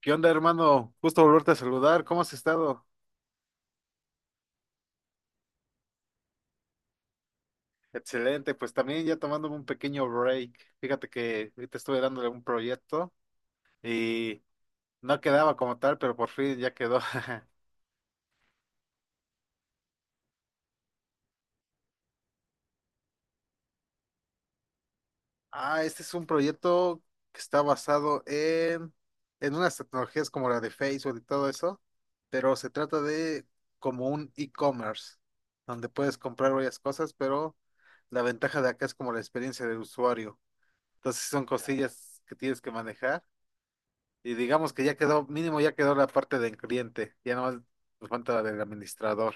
¿Qué onda, hermano? Gusto volverte a saludar. ¿Cómo has estado? Excelente, pues también ya tomándome un pequeño break. Fíjate que ahorita estuve dándole un proyecto y no quedaba como tal, pero por fin ya quedó. Ah, este es un proyecto que está basado en unas tecnologías como la de Facebook y todo eso, pero se trata de como un e-commerce, donde puedes comprar varias cosas, pero la ventaja de acá es como la experiencia del usuario. Entonces son cosillas que tienes que manejar. Y digamos que ya quedó, mínimo ya quedó la parte del cliente, ya nomás nos falta la del administrador.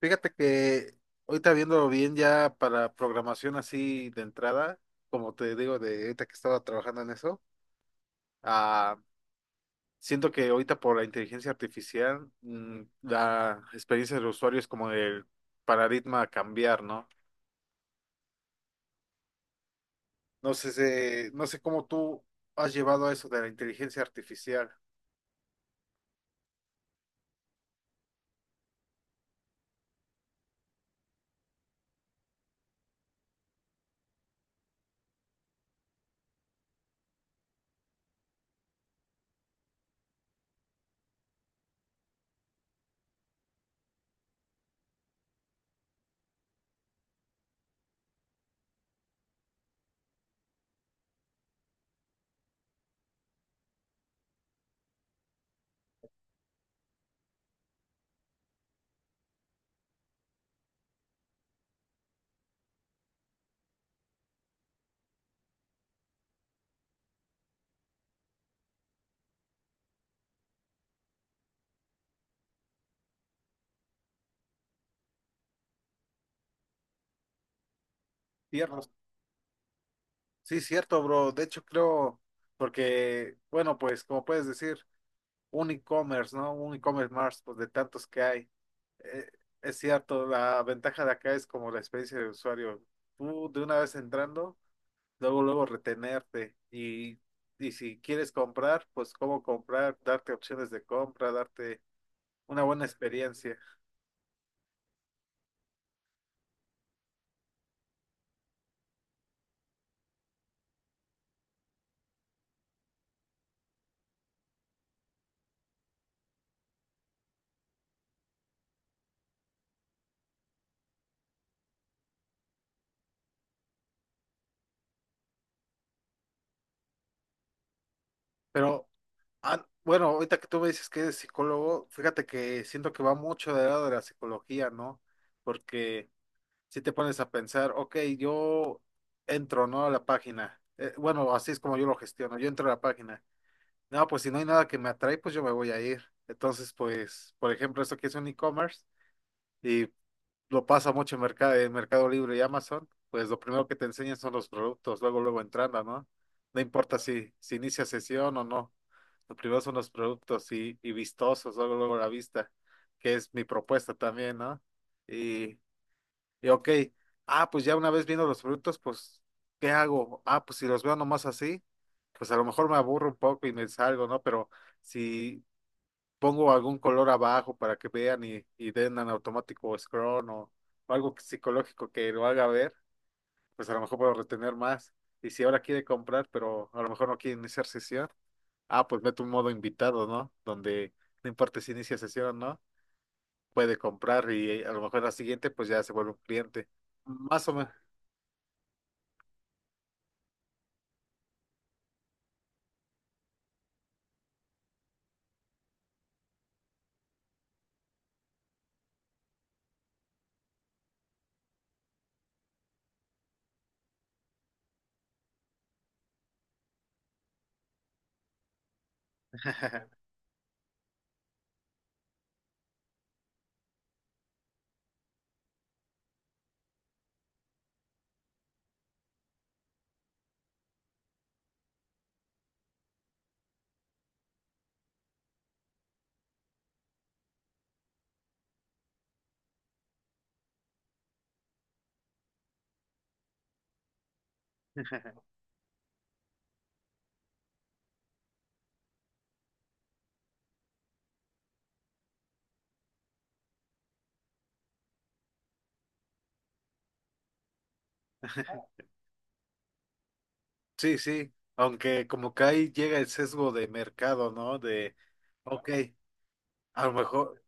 Fíjate que ahorita viéndolo bien ya para programación así de entrada, como te digo, de ahorita que estaba trabajando en eso, ah, siento que ahorita por la inteligencia artificial, la experiencia del usuario es como el paradigma a cambiar, ¿no? No sé, no sé cómo tú has llevado a eso de la inteligencia artificial. Piernas. Sí, cierto, bro. De hecho, creo, porque, bueno, pues como puedes decir, un e-commerce, ¿no? Un e-commerce más, pues de tantos que hay. Eh, es cierto, la ventaja de acá es como la experiencia de usuario. Tú de una vez entrando, luego, luego retenerte. Y si quieres comprar, pues cómo comprar, darte opciones de compra, darte una buena experiencia. Pero, bueno, ahorita que tú me dices que eres psicólogo, fíjate que siento que va mucho del lado de la psicología, ¿no? Porque si te pones a pensar, ok, yo entro, ¿no? A la página. Bueno, así es como yo lo gestiono. Yo entro a la página. No, pues si no hay nada que me atrae, pues yo me voy a ir. Entonces, pues, por ejemplo, esto que es un e-commerce y lo pasa mucho en Mercado Libre y Amazon, pues lo primero que te enseñan son los productos, luego, luego entrando, ¿no? No importa si inicia sesión o no. Lo primero son los productos y vistosos, luego, luego la vista, que es mi propuesta también, ¿no? Y, y ok, pues ya una vez viendo los productos, pues, ¿qué hago? Ah, pues si los veo nomás así, pues a lo mejor me aburro un poco y me salgo, ¿no? Pero si pongo algún color abajo para que vean y den en automático scroll o algo psicológico que lo haga ver, pues a lo mejor puedo retener más. Y si ahora quiere comprar, pero a lo mejor no quiere iniciar sesión, pues meto un modo invitado, ¿no? Donde no importa si inicia sesión o no, puede comprar y a lo mejor la siguiente, pues ya se vuelve un cliente. Más o menos. Sí, sí, aunque como que ahí llega el sesgo de mercado, ¿no? De, ok, a lo mejor,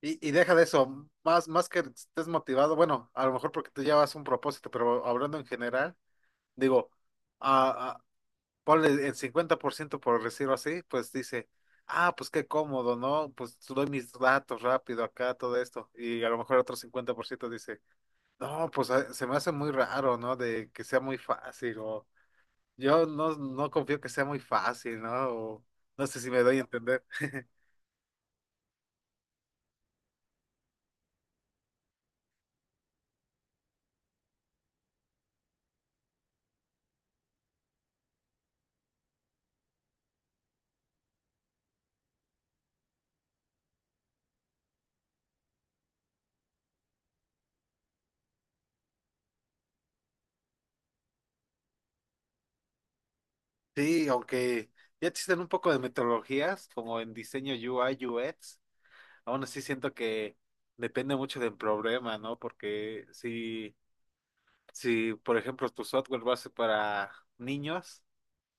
y deja de eso, más que estés motivado, bueno, a lo mejor porque tú llevas un propósito, pero hablando en general, digo, a, a- ponle el 50% por decirlo así, pues dice, ah, pues qué cómodo, ¿no? Pues doy mis datos rápido acá, todo esto, y a lo mejor otro 50% dice, no, pues se me hace muy raro, ¿no? De que sea muy fácil o... Yo no confío que sea muy fácil, ¿no? O no sé si me doy a entender. Sí, aunque ya existen un poco de metodologías, como en diseño UI/UX. Aún así siento que depende mucho del problema, ¿no? Porque si, por ejemplo, tu software va a ser para niños,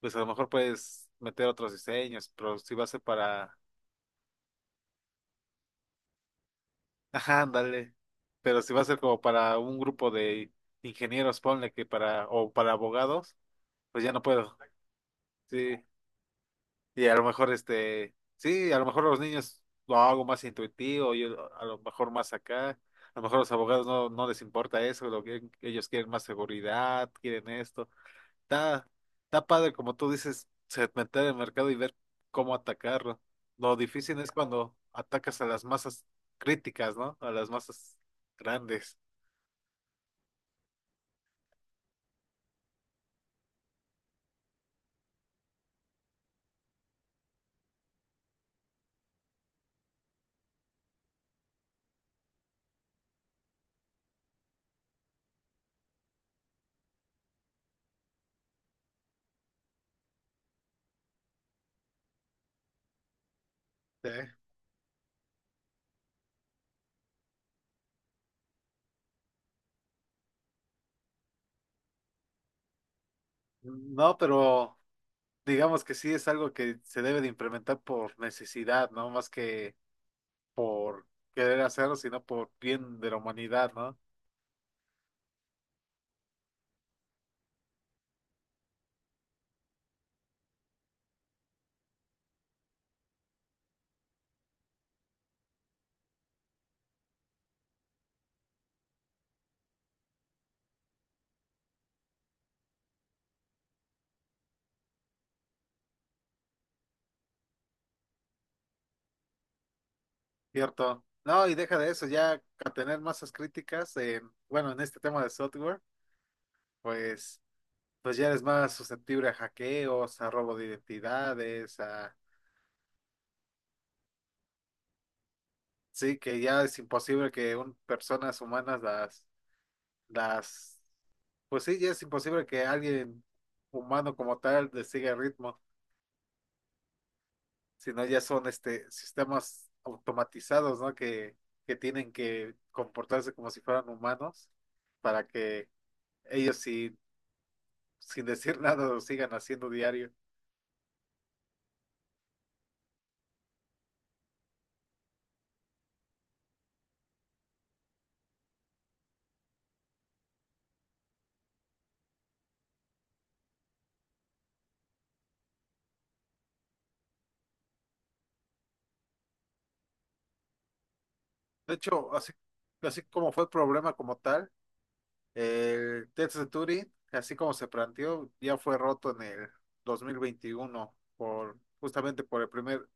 pues a lo mejor puedes meter otros diseños, pero si va a ser para... Ajá, ándale. Pero si va a ser como para un grupo de ingenieros, ponle que para, o para abogados, pues ya no puedo. Sí, y a lo mejor este, sí, a lo mejor los niños lo hago más intuitivo, yo a lo mejor más acá, a lo mejor los abogados no les importa eso, lo que ellos quieren más seguridad, quieren esto. Está, está padre, como tú dices, segmentar el mercado y ver cómo atacarlo. Lo difícil es cuando atacas a las masas críticas, ¿no? A las masas grandes. Sí. No, pero digamos que sí es algo que se debe de implementar por necesidad, ¿no? Más que por querer hacerlo, sino por bien de la humanidad, ¿no? Cierto. No, y deja de eso, ya a tener masas críticas en, bueno, en este tema de software, pues, pues ya eres más susceptible a hackeos, a robo de identidades, a sí, que ya es imposible que un, personas humanas las, pues sí, ya es imposible que alguien humano como tal le siga el ritmo, sino ya son este sistemas automatizados, ¿no? Que tienen que comportarse como si fueran humanos para que ellos sin decir nada lo sigan haciendo diario. De hecho, así, así como fue el problema como tal, el test de Turing, así como se planteó, ya fue roto en el 2021 por justamente por el primer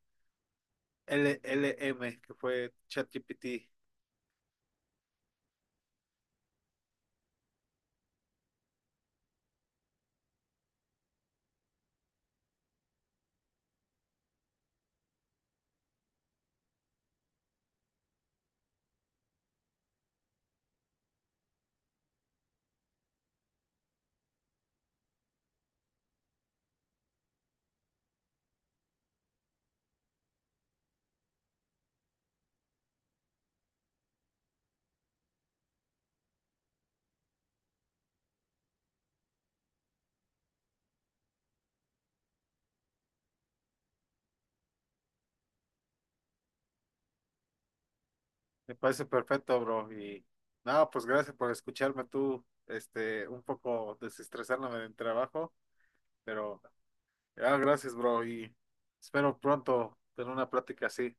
LLM que fue ChatGPT. Me parece perfecto, bro. Y nada, pues gracias por escucharme tú, este, un poco desestresándome del trabajo, pero gracias, bro. Y espero pronto tener una plática así.